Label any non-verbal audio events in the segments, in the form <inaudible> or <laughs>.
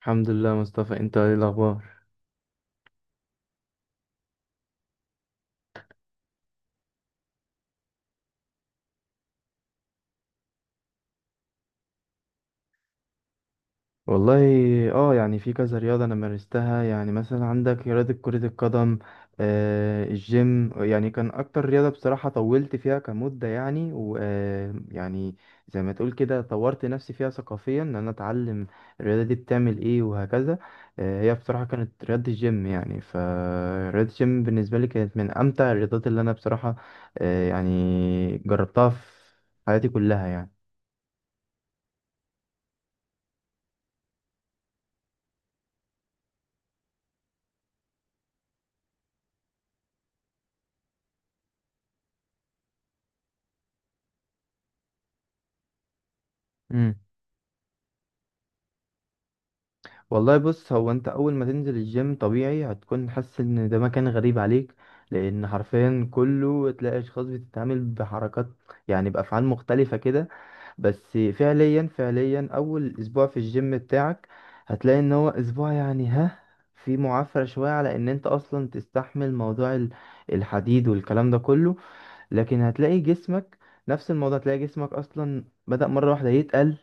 الحمد لله، مصطفى. انت ايه الاخبار؟ والله، اه يعني في كذا رياضة انا مارستها. يعني مثلا عندك رياضة كرة القدم. الجيم يعني كان اكتر رياضة، بصراحة طولت فيها كمدة، يعني ويعني يعني زي ما تقول كده، طورت نفسي فيها ثقافيا ان انا اتعلم الرياضة دي بتعمل ايه وهكذا. هي بصراحة كانت رياضة الجيم. يعني فرياضة الجيم بالنسبة لي كانت من امتع الرياضات اللي انا بصراحة يعني جربتها في حياتي كلها. يعني والله، بص، هو انت اول ما تنزل الجيم طبيعي هتكون حاسس ان ده مكان غريب عليك، لان حرفيا كله تلاقي اشخاص بتتعامل بحركات، يعني بافعال مختلفة كده. بس فعليا اول اسبوع في الجيم بتاعك هتلاقي ان هو اسبوع، يعني في معافرة شوية على ان انت اصلا تستحمل موضوع الحديد والكلام ده كله. لكن هتلاقي جسمك، نفس الموضوع، هتلاقي جسمك اصلا بدأ مرة واحدة يتقل.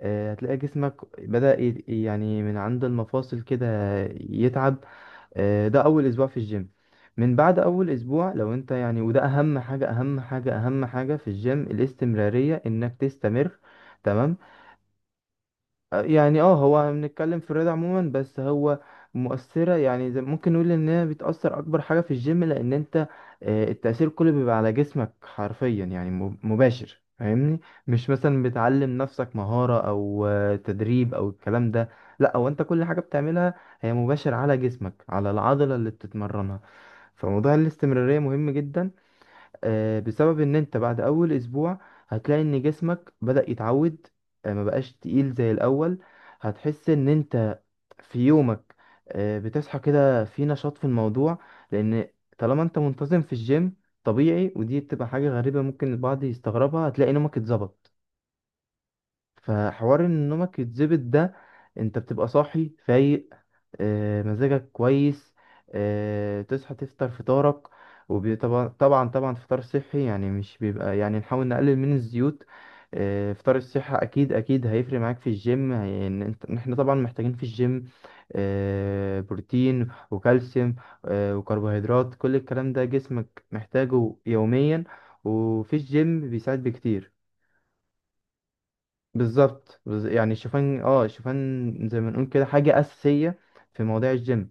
هتلاقي جسمك بدأ يعني من عند المفاصل كده يتعب. ده أول أسبوع في الجيم. من بعد أول أسبوع، لو أنت يعني، وده أهم حاجة أهم حاجة أهم حاجة في الجيم، الاستمرارية إنك تستمر. تمام. يعني هو بنتكلم في الرياضة عموما، بس هو مؤثرة، يعني زي ممكن نقول ان هي بتأثر اكبر حاجة في الجيم لان انت التأثير كله بيبقى على جسمك حرفيا، يعني مباشر، فاهمني؟ مش مثلا بتعلم نفسك مهارة او تدريب او الكلام ده. لا، هو انت كل حاجة بتعملها هي مباشر على جسمك، على العضلة اللي بتتمرنها. فموضوع الاستمرارية مهم جدا، بسبب ان انت بعد اول اسبوع هتلاقي ان جسمك بدأ يتعود. ما بقاش تقيل زي الاول. هتحس ان انت في يومك بتصحى كده في نشاط في الموضوع، لان طالما انت منتظم في الجيم، طبيعي، ودي بتبقى حاجة غريبة ممكن البعض يستغربها، هتلاقي نومك اتظبط. فحوار ان نومك يتظبط ده، انت بتبقى صاحي فايق، مزاجك كويس. تصحى تفطر فطارك، وطبعا طبعا طبعا فطار صحي. يعني مش بيبقى، يعني نحاول نقلل من الزيوت. فطار الصحة أكيد أكيد هيفرق معاك في الجيم، هي- إن أنت إن إحنا طبعا محتاجين في الجيم بروتين وكالسيوم، وكربوهيدرات، كل الكلام ده جسمك محتاجه يوميا. وفي الجيم بيساعد بكتير. بالظبط. يعني الشوفان، الشوفان زي ما نقول كده حاجة أساسية في مواضيع الجيم.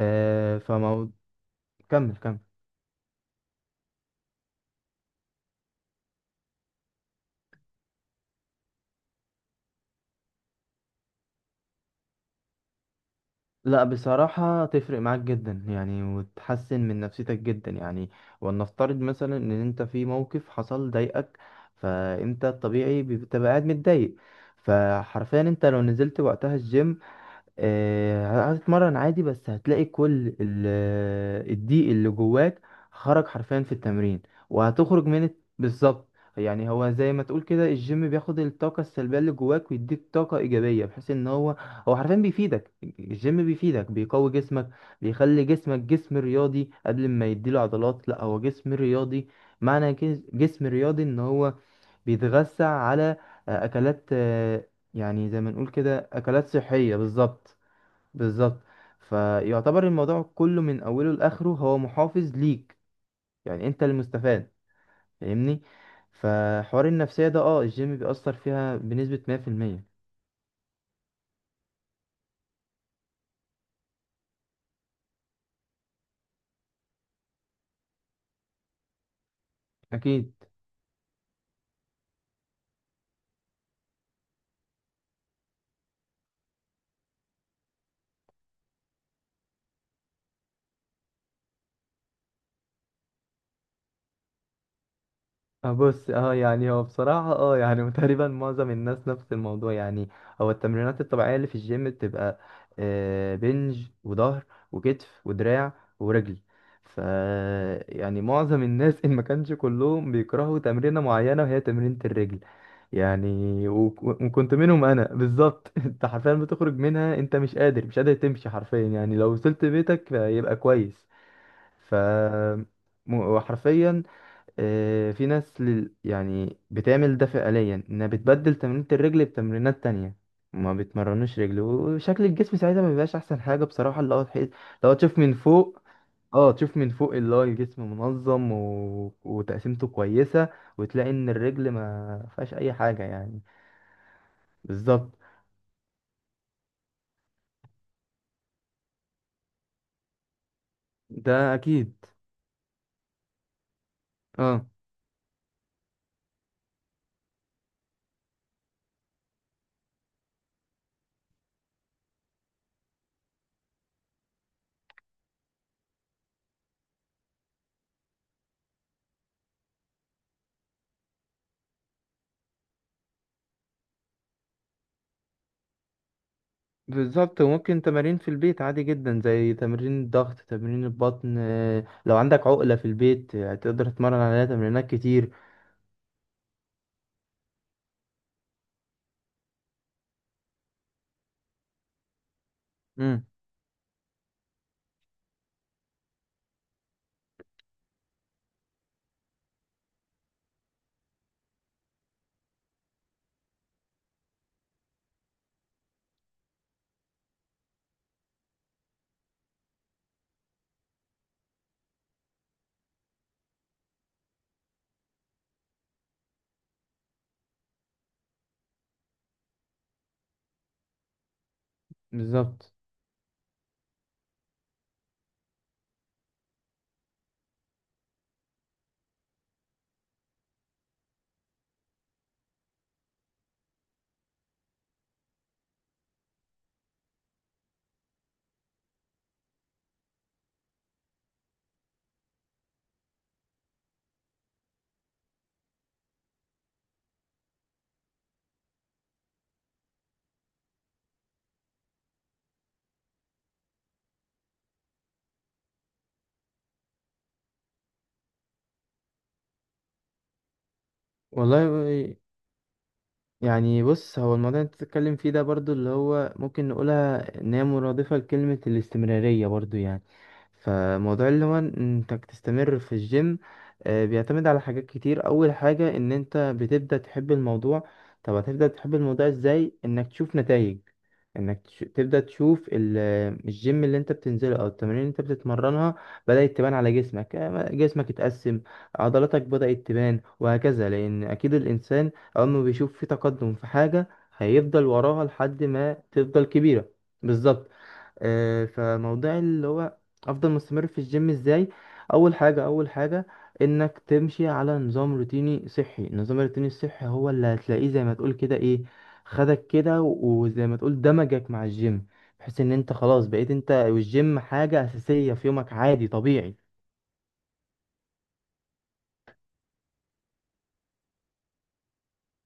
آه، فمو كمل كمل. لا، بصراحة تفرق معاك جدا يعني، وتحسن من نفسيتك جدا يعني. ولنفترض مثلا ان انت في موقف حصل ضايقك، فانت الطبيعي بتبقى قاعد متضايق، فحرفيا انت لو نزلت وقتها الجيم هتتمرن عادي، بس هتلاقي كل الضيق اللي جواك خرج حرفيا في التمرين. وهتخرج من بالظبط. يعني هو زي ما تقول كده الجيم بياخد الطاقة السلبية اللي جواك ويديك طاقة إيجابية، بحيث إن هو حرفيا بيفيدك. الجيم بيفيدك، بيقوي جسمك، بيخلي جسمك جسم رياضي. قبل ما يديله عضلات، لا هو جسم رياضي. معنى كده جسم رياضي إن هو بيتغذى على أكلات، يعني زي ما نقول كده أكلات صحية، بالظبط بالظبط. فيعتبر الموضوع كله من اوله لاخره هو محافظ ليك، يعني انت المستفاد، فاهمني. فحوار النفسية ده، الجيم بيأثر فيها بنسبة 100%. اكيد. بص، يعني هو بصراحة، يعني <laughs> تقريبا معظم الناس نفس الموضوع يعني. هو التمرينات الطبيعية اللي في الجيم بتبقى بنج وظهر وكتف ودراع ورجل. ف يعني معظم الناس <laughs> ان ما كانش كلهم بيكرهوا تمرينة معينة، وهي تمرينة الرجل. يعني وكنت منهم انا بالظبط. <laughs> انت حرفيا بتخرج منها انت مش قادر مش قادر تمشي حرفيا، يعني لو وصلت بيتك يبقى كويس. ف وحرفيا في ناس يعني بتعمل ده فعليا انها بتبدل تمرينة الرجل بتمرينات تانية. ما بيتمرنوش رجل وشكل الجسم ساعتها ما بيبقاش احسن حاجة، بصراحة اللي هو تحس. لو تشوف من فوق اه تشوف من فوق اللي هو الجسم منظم وتقسيمته كويسة، وتلاقي ان الرجل ما فيهاش اي حاجة يعني. بالظبط. ده اكيد. اه، بالظبط. وممكن تمارين في البيت عادي جدا، زي تمرين الضغط، تمرين البطن، لو عندك عقلة في البيت تقدر تتمرن عليها تمرينات كتير. امم. بالظبط. والله، يعني بص، هو الموضوع اللي انت بتتكلم فيه ده برضو اللي هو ممكن نقولها ان هي مرادفة لكلمة الاستمرارية برضو يعني. فموضوع اللي هو انك تستمر في الجيم بيعتمد على حاجات كتير. اول حاجة ان انت بتبدأ تحب الموضوع. طب هتبدأ تحب الموضوع ازاي؟ انك تشوف نتائج. انك تبدأ تشوف الجيم اللي انت بتنزله، او التمارين اللي انت بتتمرنها، بدأت تبان على جسمك. جسمك اتقسم، عضلاتك بدأت تبان، وهكذا. لان اكيد الانسان أما بيشوف في تقدم في حاجة، هيفضل وراها لحد ما تفضل كبيرة. بالظبط. فموضوع اللي هو أفضل مستمر في الجيم إزاي؟ أول حاجة أول حاجة، إنك تمشي على نظام روتيني صحي. النظام الروتيني الصحي هو اللي هتلاقيه زي ما تقول كده إيه، خدك كده وزي ما تقول دمجك مع الجيم، بحيث إن أنت خلاص بقيت أنت والجيم حاجة أساسية في يومك عادي طبيعي.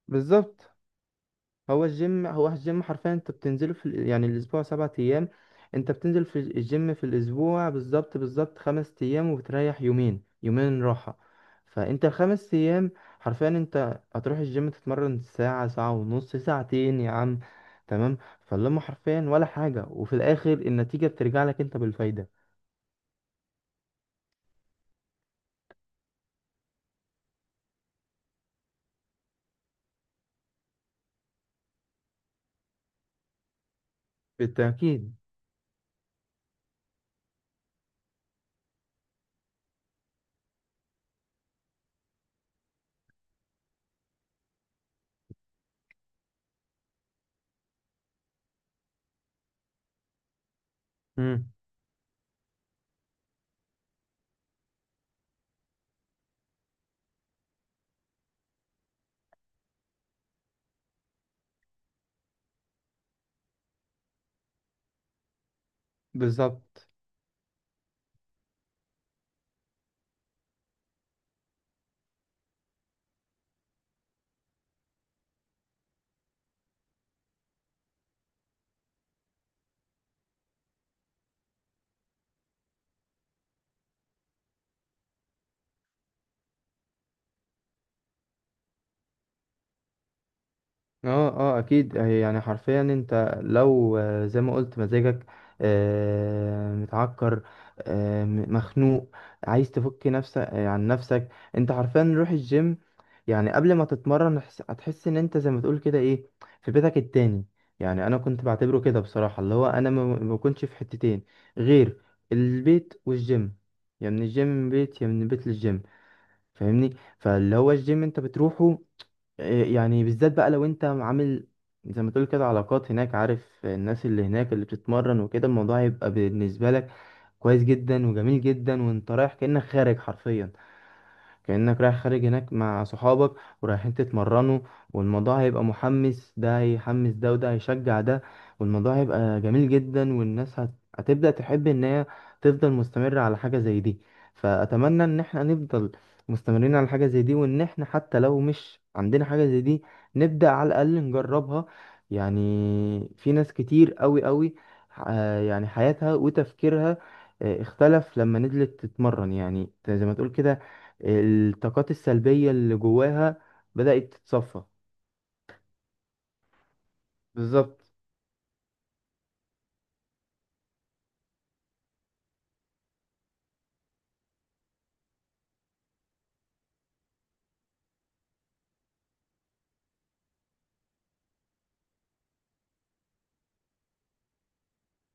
بالظبط. هو الجيم حرفيا انت بتنزله في يعني الاسبوع 7 ايام. انت بتنزل في الجيم في الاسبوع بالظبط بالظبط 5 ايام، وبتريح يومين، يومين راحة. فانت الخمس ايام حرفيا انت هتروح الجيم، تتمرن ساعة، ساعة ونص، ساعتين يا عم. تمام. فاللهم حرفيا ولا حاجة، وفي الاخر النتيجة بترجع لك انت بالفايدة. بالتأكيد. امم. بالظبط. اه. اه، اكيد. هي يعني حرفيا انت لو زي ما قلت مزاجك متعكر، مخنوق، عايز تفك نفسك عن نفسك، انت حرفيا روح الجيم. يعني قبل ما تتمرن، هتحس ان انت زي ما تقول كده ايه، في بيتك التاني. يعني انا كنت بعتبره كده بصراحة اللي هو انا ما كنتش في حتتين غير البيت والجيم. يا من الجيم من بيت، يا من البيت للجيم. فاهمني، فاللي هو الجيم انت بتروحه إيه؟ يعني بالذات بقى، لو انت عامل زي ما تقول كده علاقات هناك، عارف الناس اللي هناك اللي بتتمرن وكده، الموضوع هيبقى بالنسبة لك كويس جدا وجميل جدا، وانت رايح كأنك خارج حرفيا، كأنك رايح خارج هناك مع صحابك ورايحين تتمرنوا. والموضوع هيبقى محمس، ده هيحمس ده، وده هيشجع ده، والموضوع هيبقى جميل جدا. والناس هتبدأ تحب ان هي تفضل مستمرة على حاجة زي دي. فأتمنى ان احنا نفضل مستمرين على حاجة زي دي، وان احنا حتى لو مش عندنا حاجة زي دي نبدأ على الأقل نجربها. يعني في ناس كتير قوي قوي يعني حياتها وتفكيرها اختلف لما نزلت تتمرن، يعني زي ما تقول كده الطاقات السلبية اللي جواها بدأت تتصفى. بالظبط.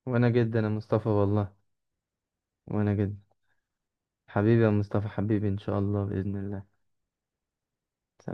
وانا جدا يا مصطفى والله. وانا جدا. حبيبي يا مصطفى. حبيبي، ان شاء الله، بإذن الله.